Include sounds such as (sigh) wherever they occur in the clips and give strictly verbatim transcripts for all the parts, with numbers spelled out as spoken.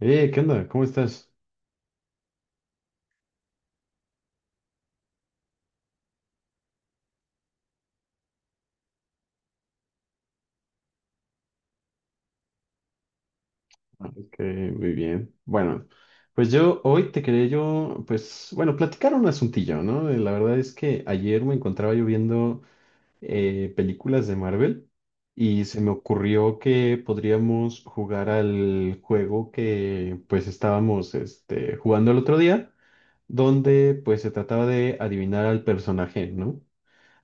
Eh, ¿qué onda? ¿Cómo estás? Ok, muy bien. Bueno, pues yo hoy te quería yo, pues, bueno, platicar un asuntillo, ¿no? Eh, La verdad es que ayer me encontraba yo viendo eh, películas de Marvel y se me ocurrió que podríamos jugar al juego que pues estábamos este, jugando el otro día, donde pues se trataba de adivinar al personaje, ¿no?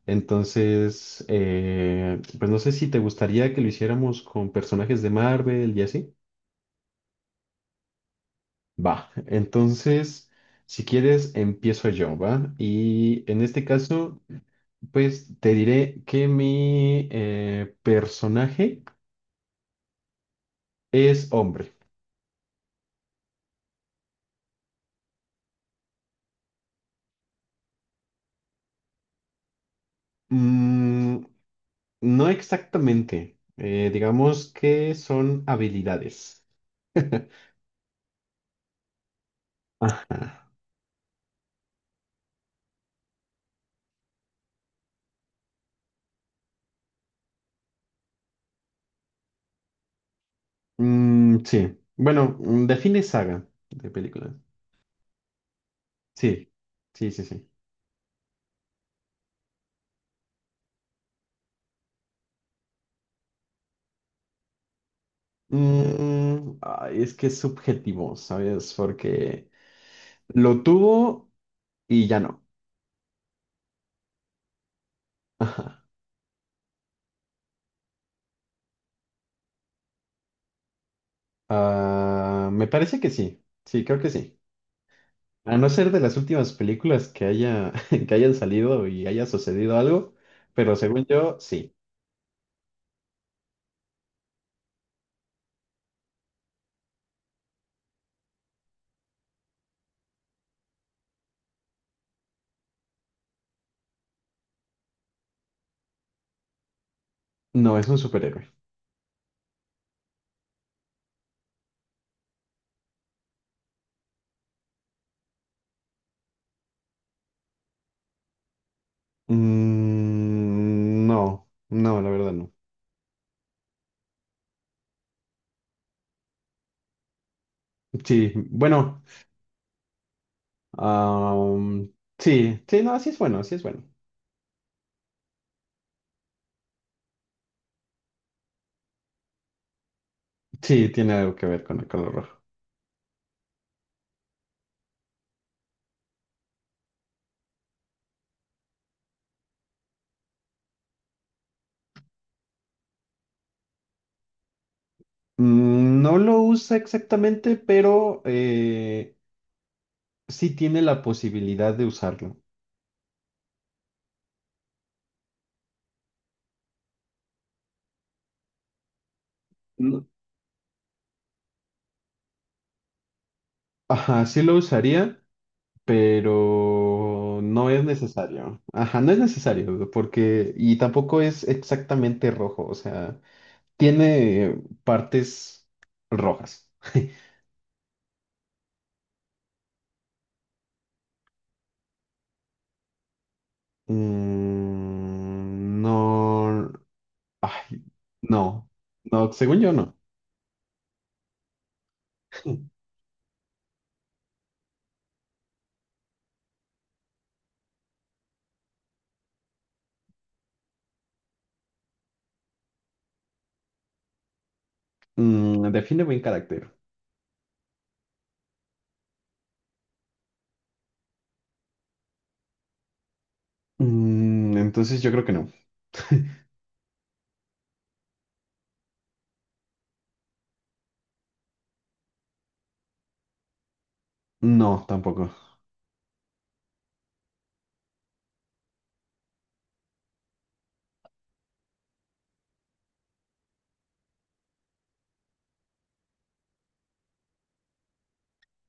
Entonces, eh, pues no sé si te gustaría que lo hiciéramos con personajes de Marvel y así. Va, entonces, si quieres, empiezo yo, ¿va? Y en este caso, pues te diré que mi eh, personaje es hombre. Mm, no exactamente, eh, digamos que son habilidades. (laughs) Mm, sí, bueno, mm, define saga de película. Sí, sí, sí, sí. Mm, ay, es que es subjetivo, ¿sabes? Porque lo tuvo y ya no. (laughs) Ajá. Ah, me parece que sí. Sí, creo que sí. A no ser de las últimas películas que haya, (laughs) que hayan salido y haya sucedido algo, pero según yo, sí. No, es un superhéroe. Mm, no, no, la verdad no. Sí, bueno, ah, sí, sí, no, así es bueno, así es bueno. Sí, tiene algo que ver con el color rojo. Mm, no lo usa exactamente, pero eh, sí tiene la posibilidad de usarlo. No- Ajá, sí lo usaría, pero no es necesario. Ajá, no es necesario, porque, y tampoco es exactamente rojo, o sea, tiene partes rojas. (laughs) Mm, no, ay, no, no, según yo no. Mm, define buen carácter. Mm, entonces yo creo que no. No, tampoco.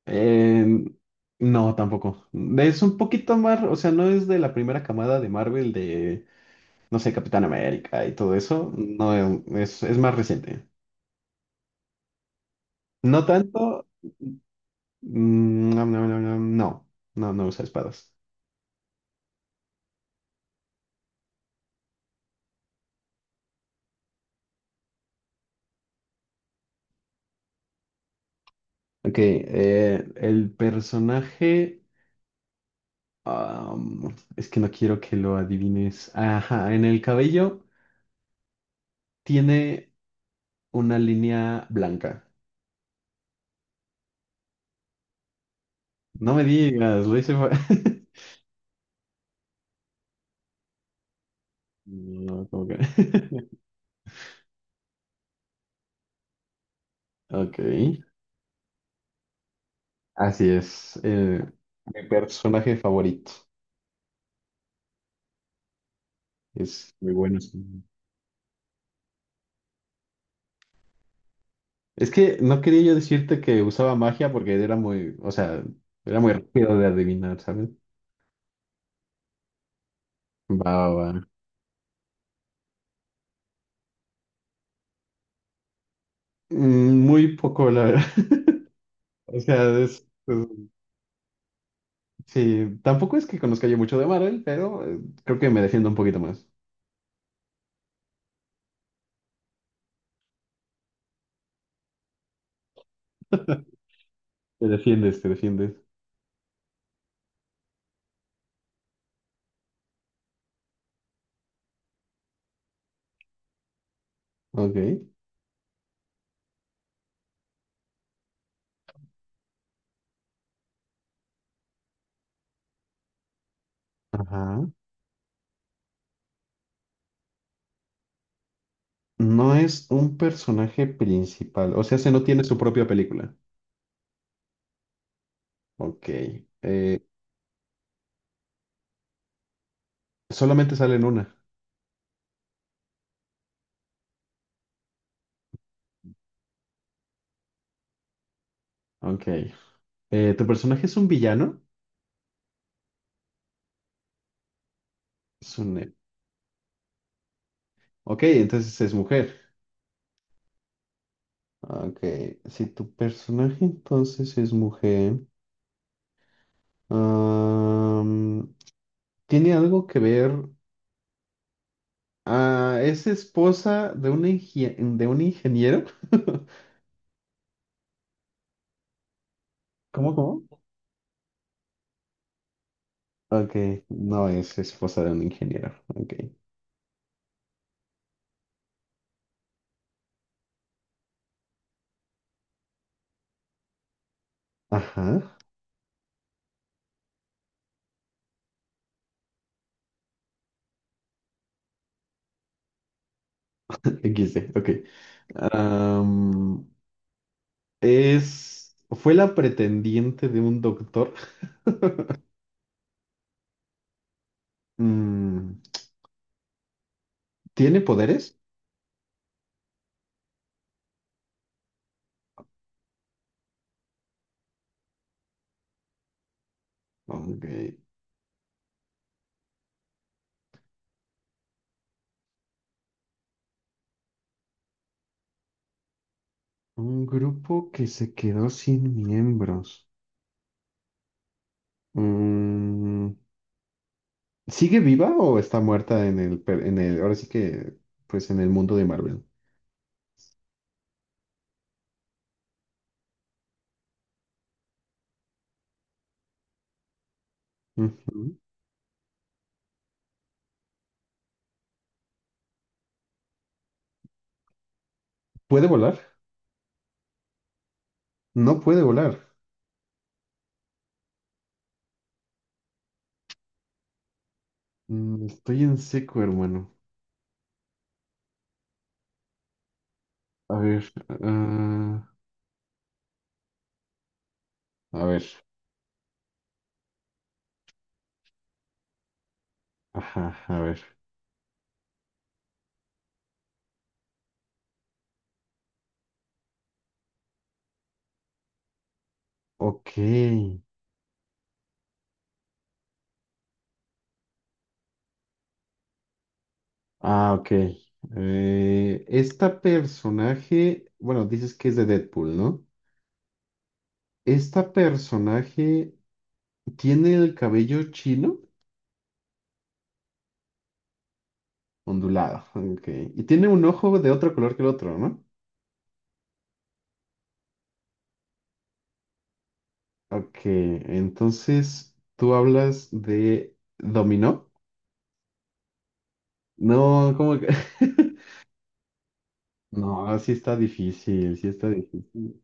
Eh, no, tampoco. Es un poquito más, o sea, no es de la primera camada de Marvel de, no sé, Capitán América y todo eso. No, es, es más reciente. No tanto. Mm, no, no, no, no, no, no no usa espadas. Ok, eh, el personaje, am, es que no quiero que lo adivines. Ajá, en el cabello tiene una línea blanca. No me digas, lo hice. fa- (laughs) No, como que... (laughs) Ok, así es. Eh, mi personaje favorito. Es muy bueno, sí. Es que no quería yo decirte que usaba magia porque era muy, o sea, era muy rápido de adivinar, ¿sabes? Va, va, va. Mm, muy poco, la verdad. (laughs) O sea, es, es- sí, tampoco es que conozca yo mucho de Marvel, pero eh, creo que me defiendo un poquito más. Te defiendes, te defiendes. Ok. Ajá. No es un personaje principal, o sea, se no tiene su propia película. Ok. Eh, solamente sale en una. Ok. Eh, ¿tu personaje es un villano? Es un... eh, ok, entonces es mujer. Ok. Si tu personaje entonces es mujer, am, ¿tiene algo que ver? Ah, ¿es esposa de un, ingie- de un ingeniero? (laughs) ¿Cómo, cómo? Ok, no es esposa de un ingeniero. Ok. Ajá. (laughs) equis de, ok. Am, es, fue la pretendiente de un doctor. Mm, ¿tiene poderes? Ok. Un grupo que se quedó sin miembros. Mm, ¿sigue viva o está muerta en el, per- en el, ahora sí que, pues en el mundo de Marvel? Ujú. ¿Puede volar? No puede volar. Mm, estoy en seco, hermano. A ver, ah, a ver, ajá, a ver. Ok. Ah, ok. Eh, esta personaje, bueno, dices que es de Deadpool, ¿no? Esta personaje tiene el cabello chino, ondulado, ok. Y tiene un ojo de otro color que el otro, ¿no? Ok, entonces tú hablas de Dominó. No, ¿cómo que? (laughs) No, sí está difícil, sí está difícil.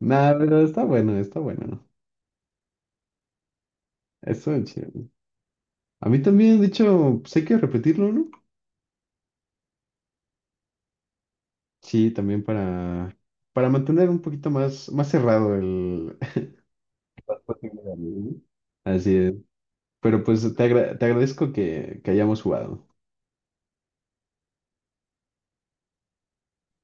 Nada, pero está bueno, está bueno, ¿no? Eso es chido. A mí también, de hecho, pues hay que repetirlo, ¿no? Sí, también para, para mantener un poquito más, más cerrado el... (laughs) Más posibilidades, ¿no? Así es. Pero pues te, agra- te agradezco que, que hayamos jugado.